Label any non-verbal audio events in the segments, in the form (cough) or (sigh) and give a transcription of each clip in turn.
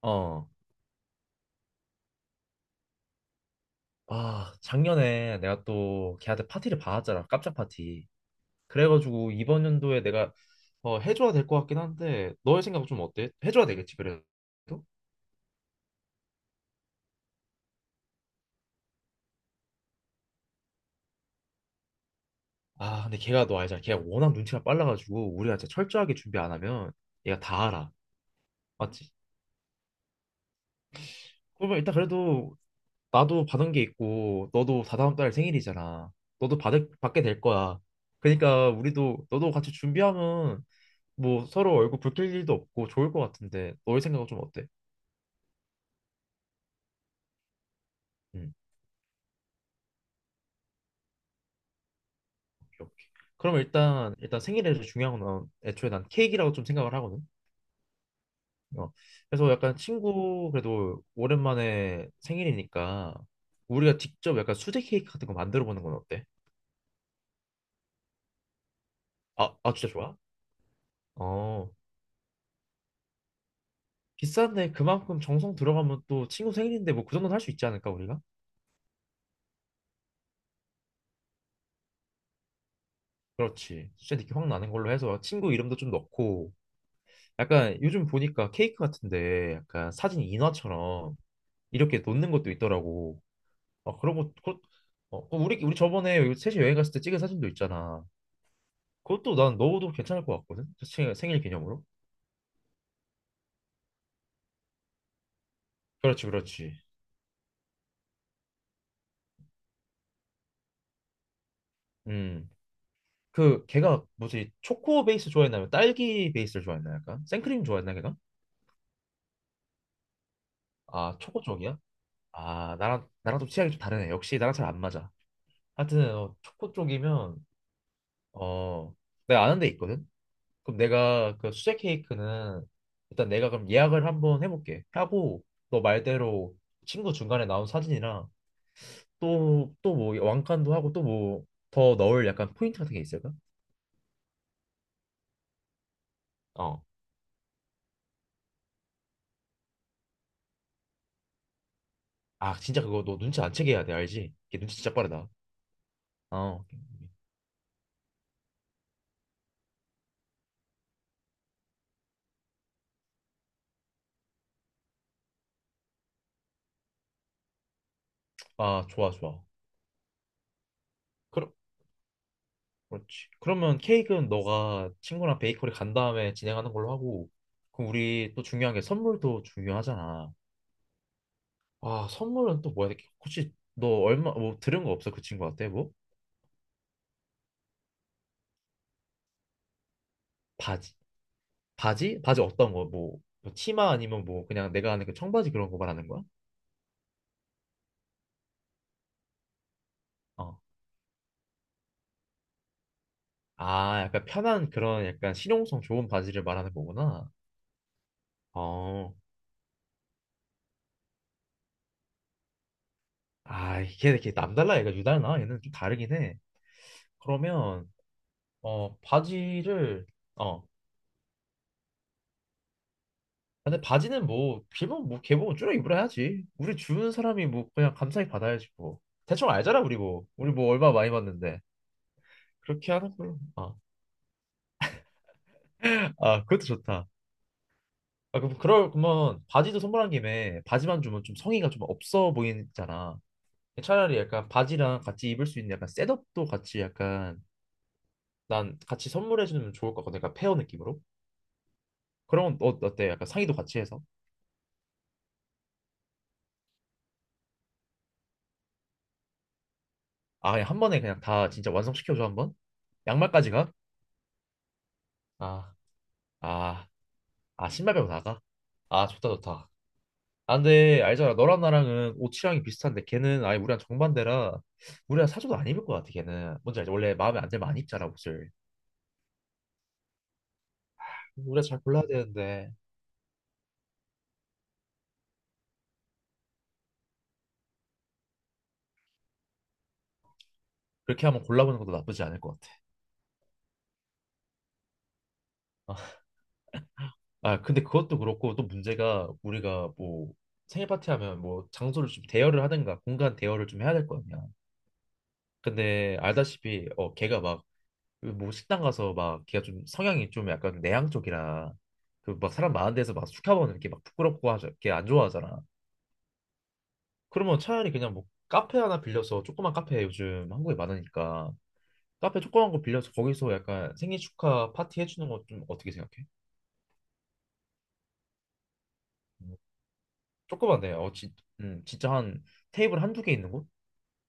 어. 아, 작년에 내가 또 걔한테 파티를 받았잖아. 깜짝 파티. 그래가지고 이번 연도에 내가 해줘야 될 것 같긴 한데 너의 생각은 좀 어때? 해줘야 되겠지, 그래도? 아, 근데 걔가 너 알잖아. 걔가 워낙 눈치가 빨라가지고 우리가 진짜 철저하게 준비 안 하면 얘가 다 알아. 맞지? 그러면 일단 그래도 나도 받은 게 있고 너도 다다음 달 생일이잖아. 너도 받게 될 거야. 그러니까 우리도 너도 같이 준비하면 뭐 서로 얼굴 붉힐 일도 없고 좋을 것 같은데 너의 생각은 좀 어때? 음, 오케이, 오케이. 그럼 일단 생일에서 중요한 건 애초에 난 케이크라고 좀 생각을 하거든. 어. 그래서 약간 친구 그래도 오랜만에 생일이니까 우리가 직접 약간 수제 케이크 같은 거 만들어 보는 건 어때? 아 진짜 좋아? 어. 비싼데 그만큼 정성 들어가면 또 친구 생일인데 뭐 그 정도는 할 수 있지 않을까 우리가? 그렇지. 수제 느낌 확 나는 걸로 해서 친구 이름도 좀 넣고 약간 요즘 보니까 케이크 같은데 약간 사진 인화처럼 이렇게 놓는 것도 있더라고. 아 그러고 그 우리 저번에 여기 셋이 여행 갔을 때 찍은 사진도 있잖아. 그것도 난 넣어도 괜찮을 것 같거든. 생일 기념으로. 그렇지, 그렇지. 음. 그 걔가 뭐지? 초코 베이스 좋아했나요? 딸기 베이스를 좋아했나 약간? 생크림 좋아했나 걔가? 아, 초코 쪽이야? 아, 나랑 좀 취향이 좀 다르네. 역시 나랑 잘 안 맞아. 하여튼 초코 쪽이면 어, 내가 아는 데 있거든. 그럼 내가 그 수제 케이크는 일단 내가 그럼 예약을 한번 해볼게. 하고 너 말대로 친구 중간에 나온 사진이랑 또 뭐 왕관도 하고 또 뭐 더 넣을 약간 포인트 같은 게 있을까? 어. 아 진짜 그거 너 눈치 안 채게 해야 돼, 알지? 걔 눈치 진짜 빠르다. 어. 아 좋아 좋아. 그럼 그렇지. 그러면 케이크는 너가 친구랑 베이커리 간 다음에 진행하는 걸로 하고, 그럼 우리 또 중요한 게 선물도 중요하잖아. 아, 선물은 또 뭐야? 혹시 너 얼마 뭐 들은 거 없어? 그 친구한테 뭐? 바지. 바지? 바지 어떤 거? 뭐 치마 아니면 뭐 그냥 내가 아는 그 청바지 그런 거 말하는 거야? 어. 아, 약간 편한 그런 약간 실용성 좋은 바지를 말하는 거구나. 어. 아, 이게 이렇게 남달라, 얘가 유달라, 얘는 좀 다르긴 해. 그러면 바지를. 어. 근데 바지는 뭐 길면 뭐 개봉 줄여 입으라야지. 우리 주는 사람이 뭐 그냥 감사히 받아야지 뭐. 대충 알잖아 우리 뭐. 우리 뭐 얼마 많이 받는데. 그렇게 하는 걸로. 아, 그것도 좋다. 아, 그럼 그럴 거면 바지도 선물한 김에 바지만 주면 좀 성의가 좀 없어 보이잖아. 차라리 약간 바지랑 같이 입을 수 있는 약간 셋업도 같이 약간 난 같이 선물해 주면 좋을 것 같거든. 약간 페어 느낌으로. 그럼 어, 어때? 약간 상의도 같이 해서. 아, 그냥 한 번에 그냥 다 진짜 완성시켜 줘 한번. 양말까지 가? 아, 아, 아 신발 빼고 나가? 아, 좋다 좋다. 아, 근데 알잖아. 너랑 나랑은 옷 취향이 비슷한데 걔는 아예 우리랑 정반대라 우리랑 사줘도 안 입을 것 같아, 걔는. 뭔지 알지? 원래 마음에 안 들면 안 입잖아, 옷을. 우리가 잘 골라야 되는데 그렇게 한번 골라보는 것도 나쁘지 않을 것 같아. 아, 근데 그것도 그렇고 또 문제가, 우리가 뭐 생일 파티 하면 뭐 장소를 좀 대여를 하든가 공간 대여를 좀 해야 될 거 아니야. 근데 알다시피 걔가 막 뭐 식당 가서 막, 걔가 좀 성향이 좀 약간 내향 쪽이라 그 막 사람 많은 데서 막 축하보는 이렇게 막 부끄럽고 하죠. 걔안 좋아하잖아. 그러면 차라리 그냥 뭐 카페 하나 빌려서, 조그만 카페 요즘 한국에 많으니까 카페 조그만 거 빌려서 거기서 약간 생일 축하 파티 해주는 거 좀 어떻게 생각해? 음, 조그만데 진짜 한 테이블 한 두 개 있는 곳?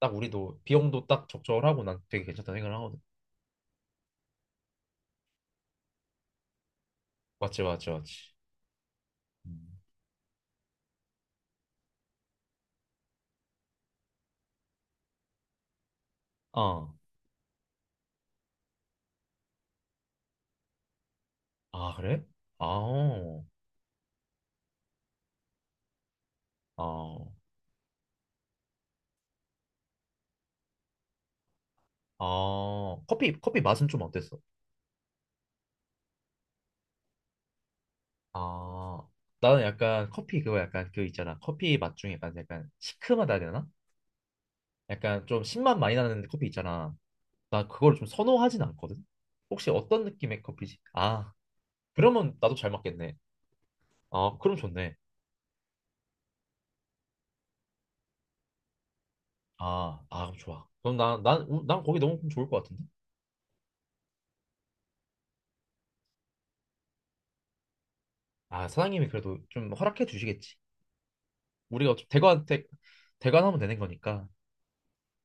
딱 우리도 비용도 딱 적절하고 난 되게 괜찮다 생각을 하거든. 맞지 맞지 맞지. 음. 어. 아 그래? 아, 아 아, 어. 커피 맛은 좀 어땠어? 아, 나는 약간 커피 그거 약간 그 있잖아, 커피 맛 중에 약간 시큼하다 해야 되나? 약간 좀 신맛 많이 나는 커피 있잖아. 나 그걸 좀 선호하진 않거든. 혹시 어떤 느낌의 커피지? 아, 그러면 나도 잘 맞겠네. 아, 그럼 좋네. 아, 그럼 좋아. 그럼 난 거기 너무 좋을 것 같은데? 아, 사장님이 그래도 좀 허락해 주시겠지. 우리가 좀 대관하면 되는 거니까.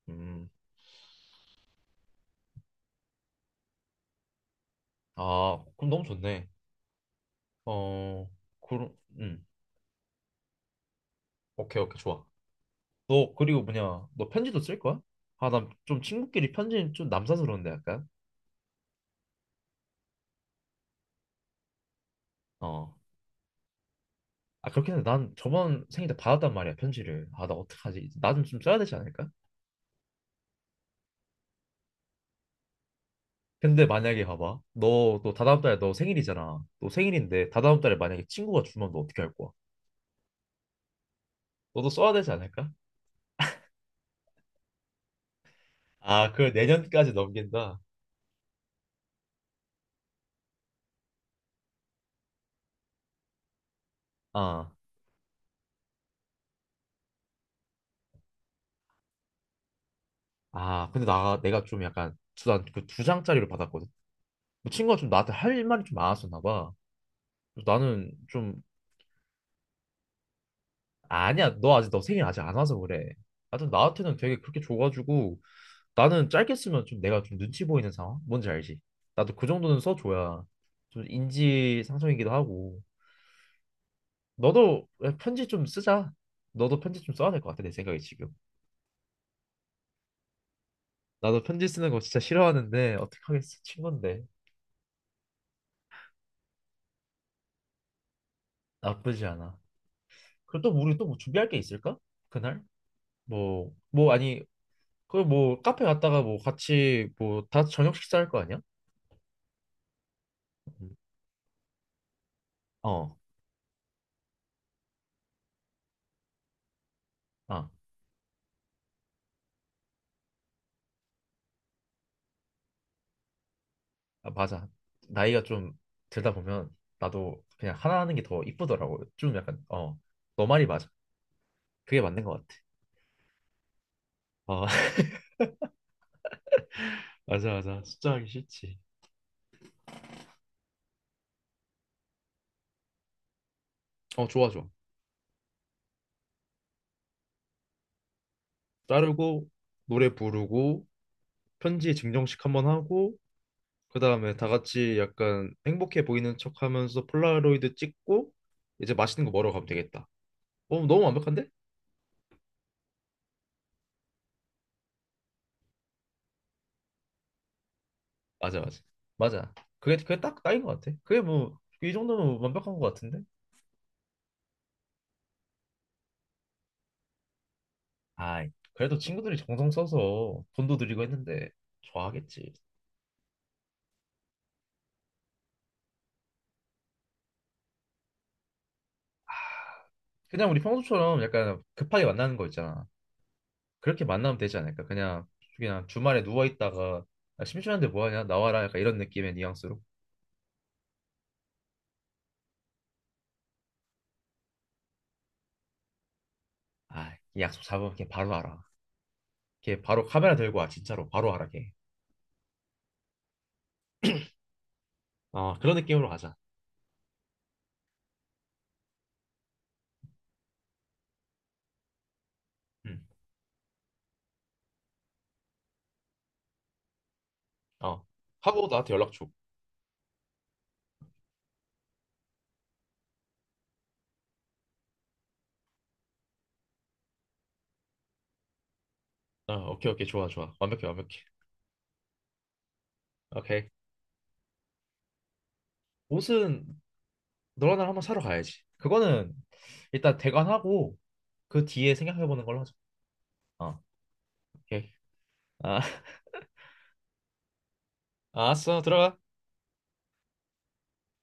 음, 아, 그럼 너무 좋네. 어, 그럼, 오케이, 오케이, 좋아. 너, 그리고 뭐냐, 너 편지도 쓸 거야? 아, 난 좀 친구끼리 편지는 좀 남사스러운데, 약간. 어. 아 그렇긴 한데 난 저번 생일 때 받았단 말이야, 편지를. 아 나 어떡하지. 나 좀 써야 되지 않을까? 근데 만약에 봐봐, 너 또 다다음 달에 너 생일이잖아. 너 생일인데 다다음 달에 만약에 친구가 주면 너 어떻게 할 거야? 너도 써야 되지 않을까? 아 그걸 내년까지 넘긴다. 아, 근데 나 내가 좀 약간, 난그두 장짜리를 받았거든. 그 친구가 좀 나한테 할 말이 좀 많았었나 봐. 그래서 나는 좀. 아, 아니야, 너 생일 아직 안 와서 그래. 하여튼 나한테는 되게 그렇게 줘가지고, 나는 짧게 쓰면 좀 내가 좀 눈치 보이는 상황? 뭔지 알지? 나도 그 정도는 써줘야, 좀 인지상정이기도 하고. 너도 편지 좀 쓰자. 너도 편지 좀 써야 될 것 같아, 내 생각에 지금. 나도 편지 쓰는 거 진짜 싫어하는데 어떡하겠어, 친건데. 나쁘지 않아. 그리고 또 우리 또뭐 준비할 게 있을까? 그날? 뭐 아니, 그 뭐 카페 갔다가 뭐 같이 뭐 다 저녁 식사할 거 아니야? 음. 어, 아. 아, 맞아. 나이가 좀 들다 보면 나도 그냥 하나 하는 게 더 이쁘더라고. 좀 약간 어, 너 말이 맞아. 그게 맞는 것 같아. 아, (laughs) 맞아, 맞아. 숫자 하기 싫지. 어, 좋아, 좋아. 자르고, 노래 부르고, 편지 증정식 한번 하고, 그 다음에 다 같이 약간 행복해 보이는 척 하면서 폴라로이드 찍고, 이제 맛있는 거 먹으러 가면 되겠다. 어, 너무 완벽한데? 맞아, 맞아. 맞아. 그게 딱 딱인 것 같아. 그게 뭐 이 정도면 완벽한 것 같은데? 아이, 그래도 친구들이 정성 써서 돈도 드리고 했는데 좋아하겠지. 그냥 우리 평소처럼 약간 급하게 만나는 거 있잖아. 그렇게 만나면 되지 않을까? 그냥 주말에 누워 있다가, 아, 심심한데 뭐 하냐? 나와라. 약간 이런 느낌의 뉘앙스로. 아, 이 약속 잡으면 걔 바로 알아. 걔 바로 카메라 들고 와. 진짜로 바로 알아 걔. 어, 그런 느낌으로 가자. 응. 어. 하고 나한테 연락 줘. 어, 오케이 오케이 좋아 좋아. 완벽해 완벽해. 오케이. 옷은 너랑 나랑 한번 사러 가야지. 그거는 일단 대관하고 그 뒤에 생각해보는 걸로 하자. 어, 오케이. 아, (laughs) 알았어, 들어가.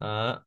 아.